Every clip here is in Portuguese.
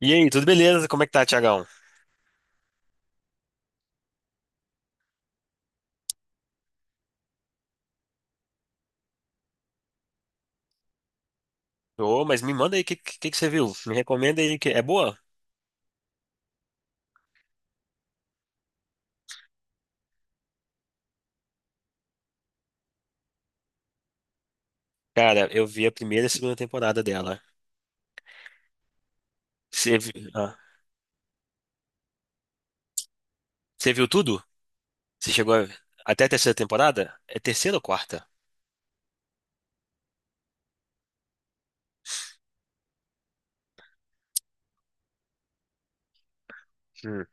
E aí, tudo beleza? Como é que tá, Tiagão? Ô, mas me manda aí, que você viu? Me recomenda aí, que é boa? Cara, eu vi a primeira e a segunda temporada dela. Você vi- ah, Você viu tudo? Você chegou a- Até a terceira temporada? É terceira ou quarta? Hum.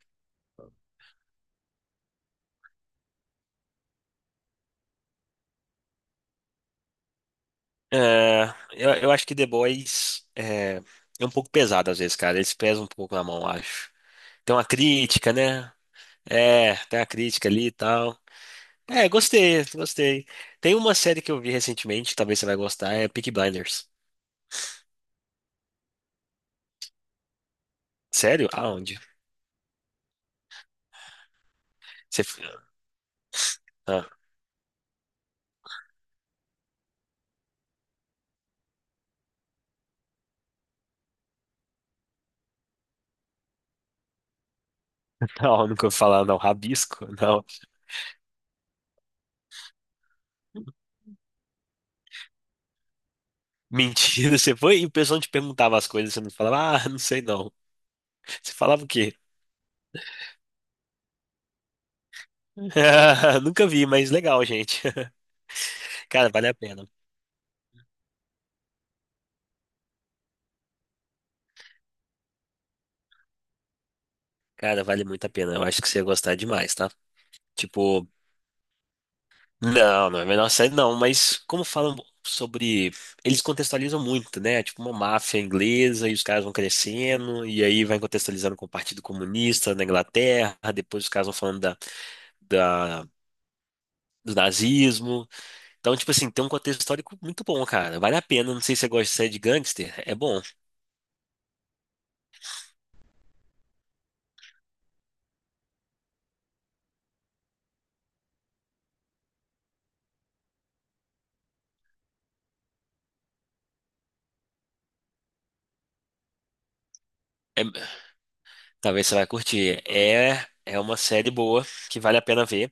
É, eu acho que The Boys é, é um pouco pesado às vezes, cara. Eles pesam um pouco na mão, eu acho. Tem uma crítica, né? É, tem uma crítica ali e tal. É, gostei, gostei. Tem uma série que eu vi recentemente, talvez você vai gostar, é Peaky Blinders. Sério? Aonde? Você... Ah, não, nunca ouvi falar, não. Rabisco? Não. Mentira, você foi e o pessoal te perguntava as coisas, você não falava, ah, não sei não. Você falava o quê? Nunca vi, mas legal, gente. Cara, vale a pena. Cara, vale muito a pena. Eu acho que você ia gostar demais, tá? Tipo, não, não é a menor série, não, mas como falam sobre. Eles contextualizam muito, né? Tipo, uma máfia inglesa e os caras vão crescendo, e aí vai contextualizando com o Partido Comunista na Inglaterra, depois os caras vão falando da do nazismo. Então, tipo assim, tem um contexto histórico muito bom, cara. Vale a pena. Não sei se você gosta de série de gangster. É bom. É- Talvez você vai curtir. É, é uma série boa que vale a pena ver.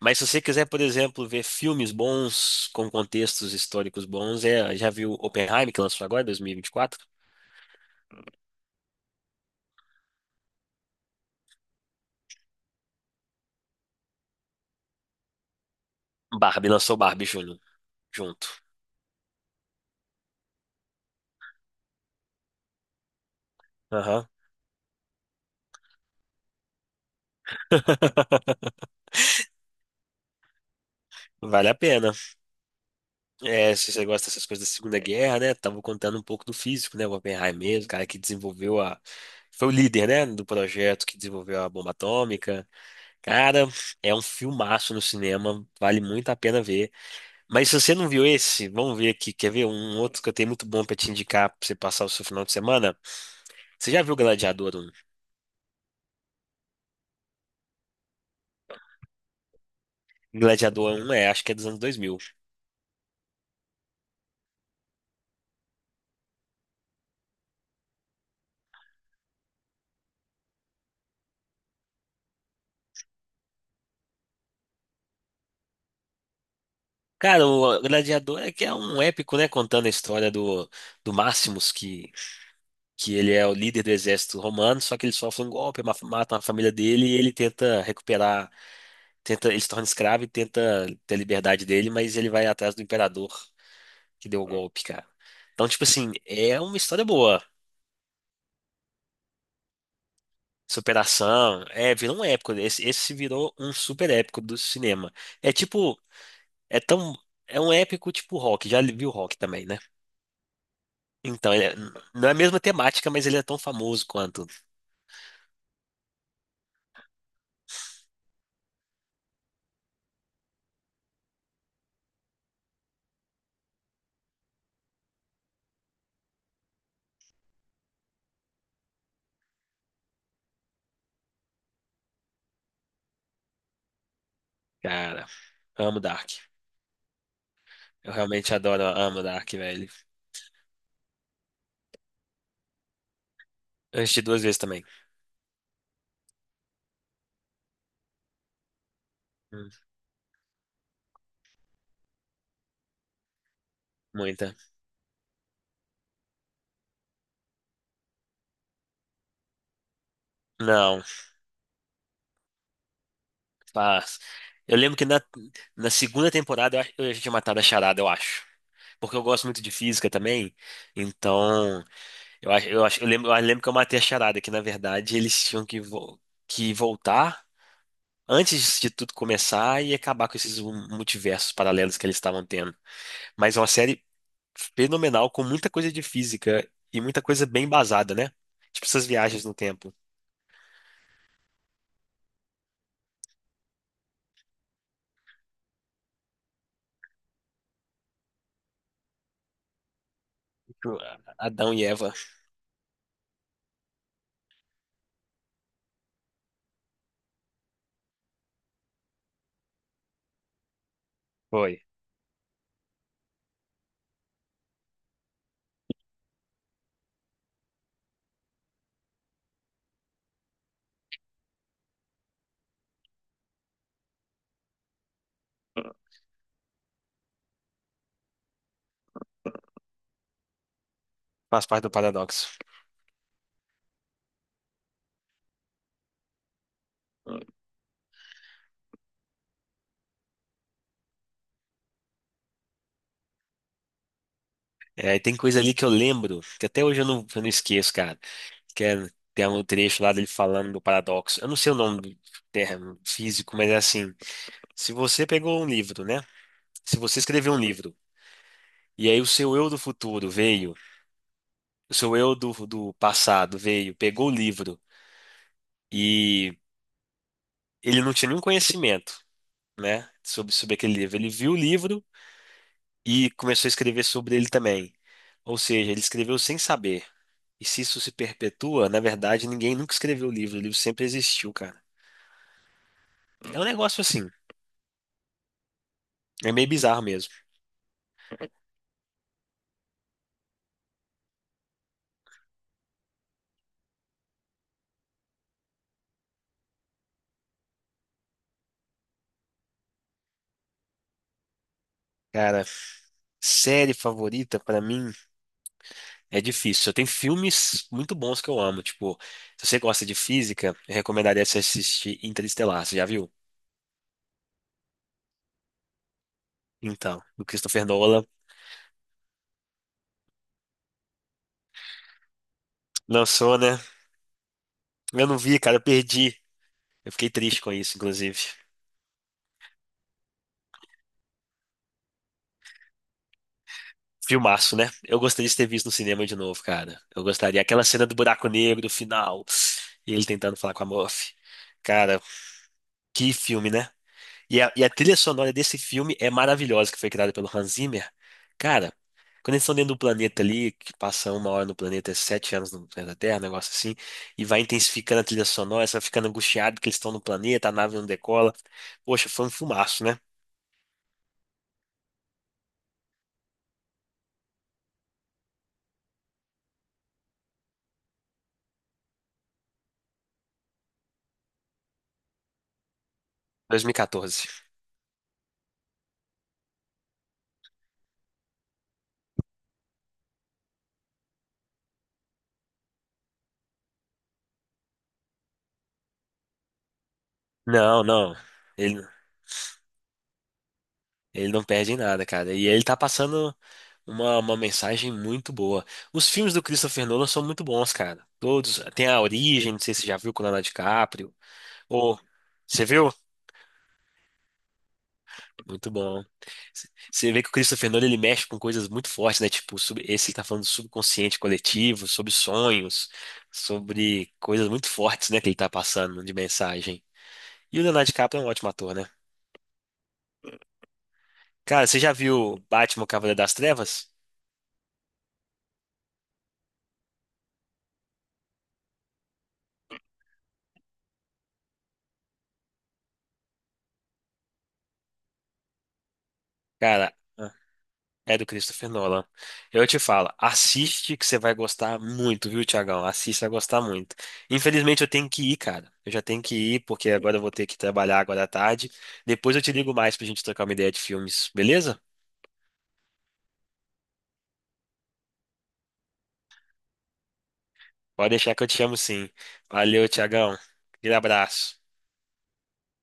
Mas se você quiser, por exemplo, ver filmes bons com contextos históricos bons, é, já viu Oppenheimer, que lançou agora, 2024? Barbie lançou Barbie Júnior junto. Aham. Vale a pena. É, se você gosta dessas coisas da Segunda Guerra, né? Tava contando um pouco do físico, né? O Oppenheimer mesmo, o cara que desenvolveu a. Foi o líder, né? Do projeto que desenvolveu a bomba atômica. Cara, é um filmaço no cinema, vale muito a pena ver. Mas se você não viu esse, vamos ver aqui. Quer ver um outro que eu tenho muito bom pra te indicar pra você passar o seu final de semana? Você já viu Gladiador 1? Gladiador um é, acho que é dos anos 2000. Cara, o Gladiador é que é um épico, né? Contando a história do, do Maximus, que ele é o líder do exército romano, só que ele sofre um golpe, matam a família dele e ele tenta recuperar, tenta, ele se torna escravo e tenta ter a liberdade dele, mas ele vai atrás do imperador que deu o golpe, cara. Então, tipo assim, é uma história boa. Superação, é, virou um épico. Esse virou um super épico do cinema. É tipo, é tão, é um épico tipo Rock, já viu Rock também, né? Então, ele é- não é a mesma temática, mas ele é tão famoso quanto. Cara, amo Dark. Eu realmente adoro, amo Dark, velho. Eu assisti duas vezes também. Hum. Muita. Não, tá. Eu lembro que na segunda temporada eu já tinha matado a charada, eu acho. Porque eu gosto muito de física também. Então, eu lembro que eu matei a charada, que na verdade eles tinham que voltar antes de tudo começar e acabar com esses multiversos paralelos que eles estavam tendo. Mas é uma série fenomenal, com muita coisa de física e muita coisa bem embasada, né? Tipo essas viagens no tempo. Tipo, Adão e Eva. Foi. Faz parte do paradoxo. É, e tem coisa ali que eu lembro, que até hoje eu não esqueço, cara. Que é, tem um trecho lá dele falando do paradoxo. Eu não sei o nome do termo físico, mas é assim: se você pegou um livro, né? Se você escreveu um livro, e aí o seu eu do futuro veio, o seu eu do passado veio, pegou o livro, e ele não tinha nenhum conhecimento, né? Sobre aquele livro. Ele viu o livro e começou a escrever sobre ele também. Ou seja, ele escreveu sem saber. E se isso se perpetua, na verdade, ninguém nunca escreveu o livro sempre existiu, cara. É um negócio assim, é meio bizarro mesmo. Cara, série favorita pra mim é difícil. Eu tenho filmes muito bons que eu amo, tipo, se você gosta de física, eu recomendaria você assistir Interestelar, você já viu? Então, o Christopher Nolan lançou, né? Eu não vi, cara, eu perdi. Eu fiquei triste com isso, inclusive. Filmaço, né? Eu gostaria de ter visto no cinema de novo, cara. Eu gostaria. Aquela cena do buraco negro, do final, e ele tentando falar com a Murphy. Cara, que filme, né? E a trilha sonora desse filme é maravilhosa, que foi criada pelo Hans Zimmer. Cara, quando eles estão dentro do planeta ali, que passa 1 hora no planeta, é 7 anos no planeta Terra, um negócio assim, e vai intensificando a trilha sonora, você vai ficando angustiado que eles estão no planeta, a nave não decola. Poxa, foi um filmaço, né? 2014. Não, não. Ele, Ele não perde em nada, cara. E ele tá passando uma mensagem muito boa. Os filmes do Christopher Nolan são muito bons, cara. Todos. Tem A Origem, não sei se você já viu com o Leonardo DiCaprio. Ou. Você viu? Muito bom. Você vê que o Christopher Nolan ele mexe com coisas muito fortes, né? Tipo, sobre esse que tá falando do subconsciente coletivo, sobre sonhos, sobre coisas muito fortes, né? Que ele tá passando de mensagem. E o Leonardo DiCaprio é um ótimo ator, né? Cara, você já viu Batman, o Cavaleiro das Trevas? Cara. É do Christopher Nolan. Eu te falo, assiste que você vai gostar muito, viu, Tiagão? Assiste, vai gostar muito. Infelizmente eu tenho que ir, cara. Eu já tenho que ir, porque agora eu vou ter que trabalhar agora à tarde. Depois eu te ligo mais pra gente trocar uma ideia de filmes, beleza? Pode deixar que eu te chamo sim. Valeu, Tiagão. Aquele abraço.